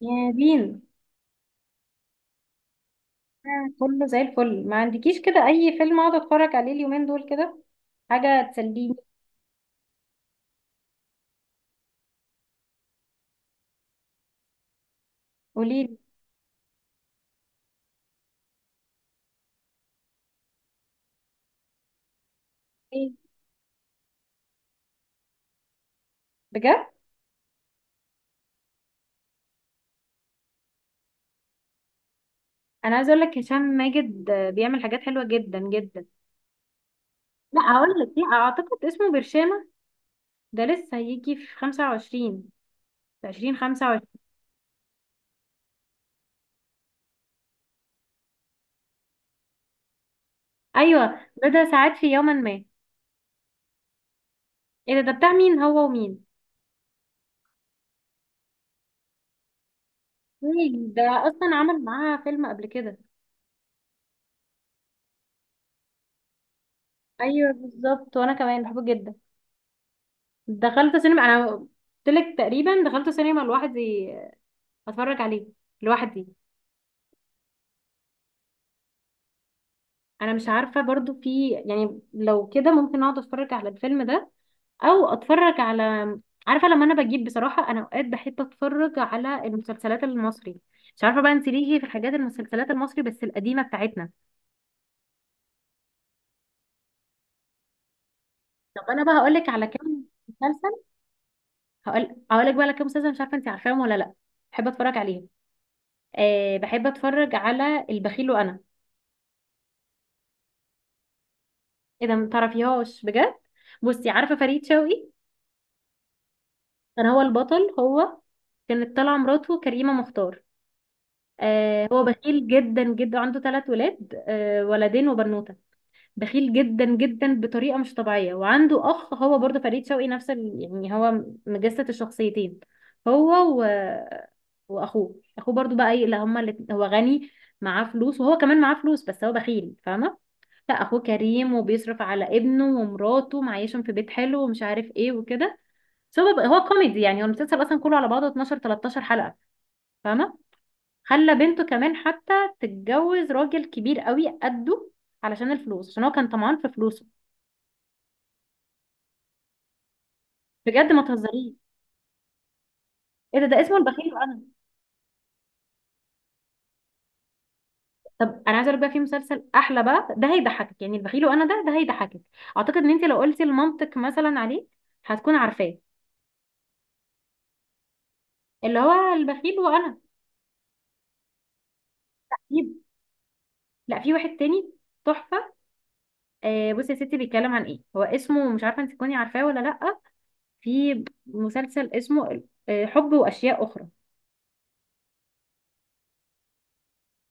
يا بين. كله زي الفل، ما عندكيش كده اي فيلم اقعد اتفرج عليه اليومين دول كده؟ حاجه تسليني. قوليلي. ايه، بجد؟ انا عايزه اقول لك هشام ماجد بيعمل حاجات حلوه جدا جدا. لا، هقول لك، لا اعتقد اسمه برشامه. ده لسه هيجي في 25، في 2025. ايوه، بدا ساعات في يوما ما. ايه ده. ده بتاع مين، هو ومين؟ إيه ده، اصلا عمل معاها فيلم قبل كده؟ ايوه بالظبط، وانا كمان بحبه جدا. دخلت سينما، انا قلت لك تقريبا دخلت سينما لوحدي اتفرج عليه لوحدي. انا مش عارفه برضو، في يعني لو كده ممكن اقعد اتفرج على الفيلم ده او اتفرج على... عارفه لما انا بجيب، بصراحه انا اوقات بحب اتفرج على المسلسلات المصري. مش عارفه بقى انت ليه، في الحاجات المسلسلات المصري بس القديمه بتاعتنا. طب انا بقى هقول لك على كام مسلسل. هقول لك بقى على كام مسلسل، مش عارفه انت عارفاهم ولا لا. بحب اتفرج عليهم. أه، بحب اتفرج على البخيل وانا. ايه ده، متعرفيهاش بجد؟ بصي، عارفه فريد شوقي؟ كان هو البطل، هو. كانت طالعه مراته كريمه مختار. آه، هو بخيل جدا جدا، عنده ثلاث ولاد، ولدين وبنوته. بخيل جدا جدا بطريقه مش طبيعيه. وعنده اخ هو برضه فريد شوقي، نفس ال... يعني هو مجسد الشخصيتين. هو و... واخوه، اخوه برضه بقى ايه، لا هما اللي هو غني، معاه فلوس، وهو كمان معاه فلوس بس هو بخيل، فاهمه؟ لا، اخوه كريم، وبيصرف على ابنه ومراته، معيشهم في بيت حلو ومش عارف ايه وكده. هو كوميدي يعني، هو المسلسل اصلا كله على بعضه 12 13 حلقه، فاهمه؟ خلى بنته كمان حتى تتجوز راجل كبير قوي قده علشان الفلوس، عشان هو كان طمعان في فلوسه. بجد، ما تهزريش. ايه ده. ده اسمه البخيل وانا. طب انا عايزه اقول بقى، في مسلسل احلى بقى، ده هيضحكك، يعني البخيل وانا ده، ده هيضحكك. اعتقد ان انت لو قلتي المنطق مثلا عليه هتكون عارفاه، اللي هو البخيل وانا. في... لا، في واحد تاني، تحفه. آه، بصي يا ستي، بيتكلم عن ايه هو، اسمه مش عارفه انت تكوني عارفاه ولا لا. في مسلسل اسمه حب واشياء اخرى.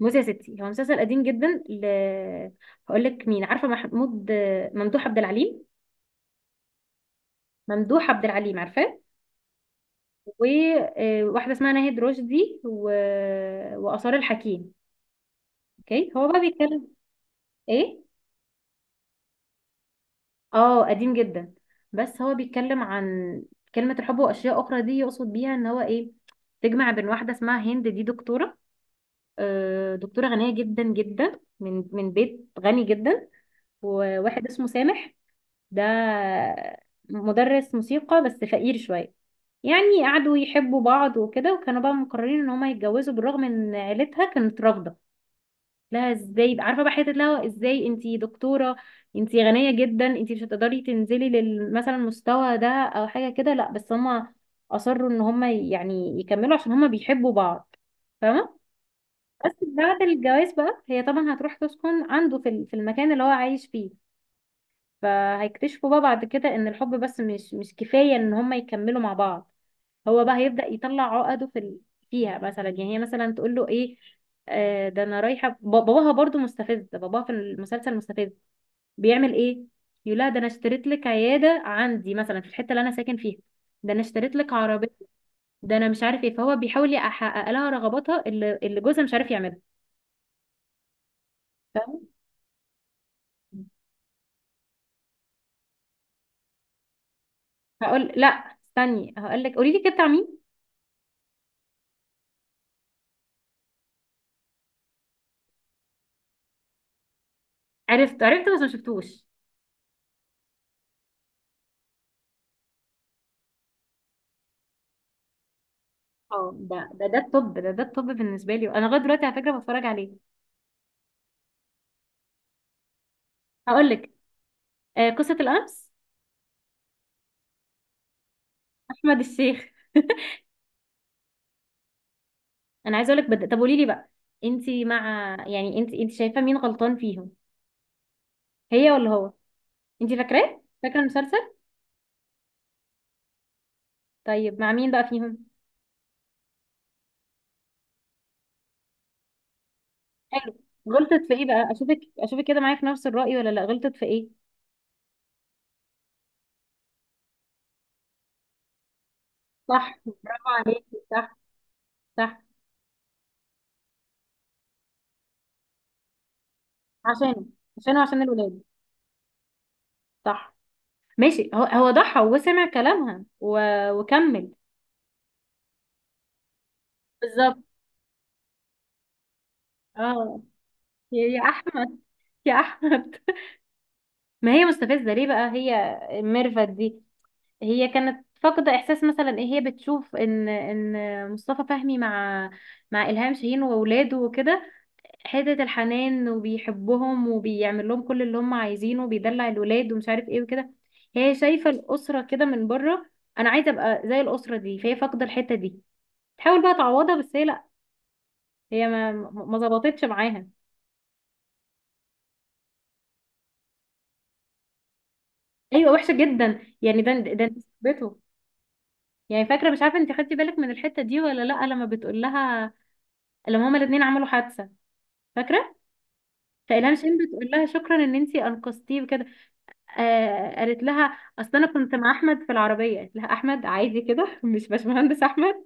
بصي يا ستي، هو مسلسل قديم جدا هقول لك مين. عارفه محمود ممدوح عبد العليم؟ ممدوح عبد العليم، عارفاه؟ وواحدة اسمها ناهد رشدي وآثار الحكيم. اوكي، هو بقى بيتكلم. ايه؟ اه، قديم جدا. بس هو بيتكلم عن كلمة الحب وأشياء أخرى دي، يقصد بيها ان هو ايه، تجمع بين واحدة اسمها هند، دي دكتورة، دكتورة غنية جدا جدا، من بيت غني جدا. وواحد اسمه سامح، ده مدرس موسيقى بس فقير شوية. يعني قعدوا يحبوا بعض وكده، وكانوا بقى مقررين ان هما يتجوزوا بالرغم ان عيلتها كانت رافضة لها، ازاي عارفه بقى، حته لها ازاي، انتي دكتوره، انتي غنيه جدا، انتي مش هتقدري تنزلي مثلا المستوى ده او حاجه كده. لا، بس هما اصروا ان هما يعني يكملوا عشان هما بيحبوا بعض، فاهمه؟ بس بعد الجواز بقى، هي طبعا هتروح تسكن عنده في في المكان اللي هو عايش فيه. فهيكتشفوا بقى بعد كده ان الحب بس مش كفايه ان هما يكملوا مع بعض. هو بقى هيبدأ يطلع عقده في ال-، فيها مثلا، يعني هي مثلا تقول له ايه، آه ده انا رايحه، باباها برضو مستفز، باباها في المسلسل مستفز، بيعمل ايه، يقول لها ده انا اشتريت لك عياده عندي مثلا في الحته اللي انا ساكن فيها، ده انا اشتريت لك عربيه، ده انا مش عارف ايه، فهو بيحاول يحقق لها رغباتها اللي جوزها مش عارف يعملها، فاهم؟ هقول لا، استني هقول لك. قولي لي كده بتاع مين. عرفت عرفت بس ما شفتوش. اه، ده الطب، ده الطب بالنسبه لي انا، لغايه دلوقتي على فكره بتفرج عليه. هقول لك، قصه الامس، احمد الشيخ. انا عايزه اقول لك طب قولي لي بقى، انت مع يعني، انت شايفه مين غلطان فيهم، هي ولا هو؟ انت فاكراه، فاكره المسلسل؟ طيب، مع مين بقى فيهم؟ حلو. غلطت في ايه بقى، اشوفك كده معايا في نفس الرأي ولا لا؟ غلطت في ايه؟ صح، برافو عليكي، صح، صح. عشانه، عشانه، عشان الولاد. صح ماشي، هو ضحى وسمع كلامها وكمل. بالظبط. اه، يا احمد، يا احمد. ما هي مستفزه ليه بقى هي، ميرفت دي؟ هي كانت فاقدة إحساس مثلا إيه، هي بتشوف إن مصطفى فهمي مع إلهام شاهين وأولاده وكده، حتة الحنان وبيحبهم وبيعمل لهم كل اللي هم عايزينه وبيدلع الولاد ومش عارف إيه وكده، هي شايفة الأسرة كده من بره، أنا عايزة أبقى زي الأسرة دي، فهي فاقدة الحتة دي، تحاول بقى تعوضها، بس هي لأ. هي ما ظبطتش معاها. أيوة، وحشة جدا يعني، ده ده أنت صاحبته يعني، فاكرة مش عارفة أنت خدتي بالك من الحتة دي ولا لأ، لما بتقول لها لما هما الاتنين عملوا حادثة، فاكرة؟ فإلهام شين بتقول لها شكرا ان انتي انقذتيه وكده. آه، قالت لها اصل انا كنت مع احمد في العربيه، قالت لها احمد عادي كده، مش باشمهندس احمد.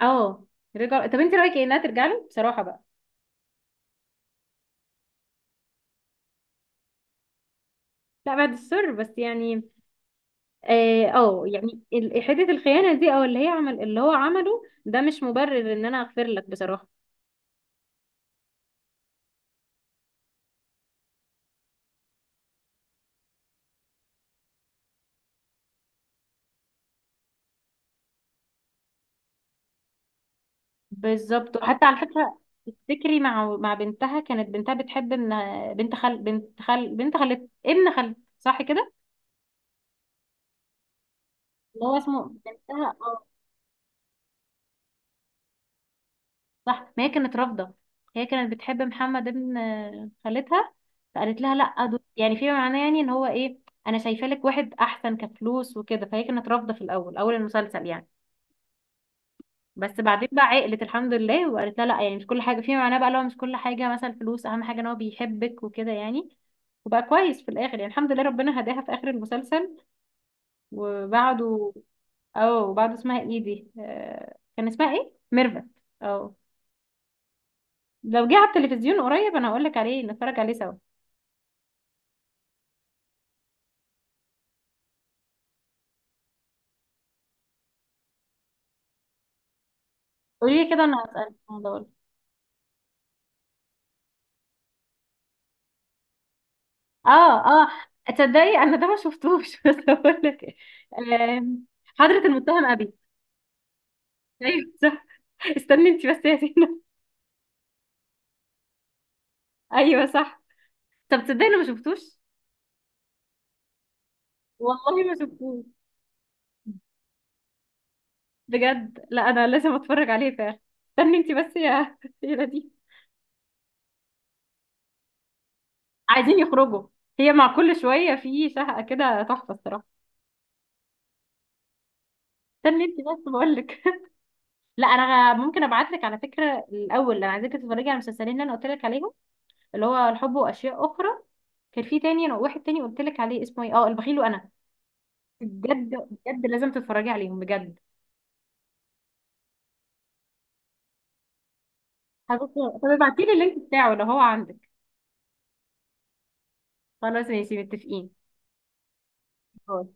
اه رجع. طب انت رايك ايه انها ترجع له بصراحه بقى؟ لا بعد السر بس يعني، اه، يعني حته الخيانه دي او اللي هي عمل اللي هو عمله ده مش مبرر ان انا اغفر لك بصراحه. بالظبط. وحتى على فكره، تفتكري مع بنتها، كانت بنتها بتحب ان، بنت خال، بنت خال، بنت خالت ابن خالت، صح كده؟ اللي هو اسمه بنتها، اه. صح، ما هي كانت رافضة، هي كانت بتحب محمد ابن خالتها، فقالت لها لا، دول يعني في معناه، يعني ان هو ايه، انا شايفه لك واحد احسن كفلوس وكده. فهي كانت رافضة في الاول، اول المسلسل يعني، بس بعدين بقى عقلت الحمد لله وقالت لها لا يعني، مش كل حاجة في معناه بقى، لو مش كل حاجة مثلا الفلوس اهم حاجة، ان هو بيحبك وكده يعني. وبقى كويس في الاخر يعني الحمد لله ربنا هداها في اخر المسلسل وبعده. اه، وبعده اسمها ايه دي، كان اسمها ايه، ميرفت. اه. لو جه على التلفزيون قريب انا هقول لك عليه، نتفرج عليه سوا. قولي لي كده، انا هسألك في الموضوع ده. اه اه. تصدقي انا ده ما شفتوش. بس هقول لك إيه. آم، حضرة المتهم ابي. ايوه صح. استني انت بس يا سينا. ايوه صح. طب تصدقي انا ما شفتوش، والله ما شفتوش، بجد. لا، انا لازم اتفرج عليه فعلا. استني انت بس يا يا دي. عايزين يخرجوا. هي مع كل شويه في شهقه كده، تحفه الصراحه. استني انت بس، بقول لك، لا انا ممكن ابعت لك على فكره الاول، انا عايزاك تتفرجي على المسلسلين اللي انا قلت لك عليهم، اللي هو الحب واشياء اخرى، كان في تاني، انا واحد تاني قلت لك عليه اسمه ايه، اه، البخيل وانا، بجد. بجد لازم تتفرجي عليهم بجد. طب ابعتيلي اللينك بتاعه لو هو عندك. خلاص ماشي، متفقين. باي.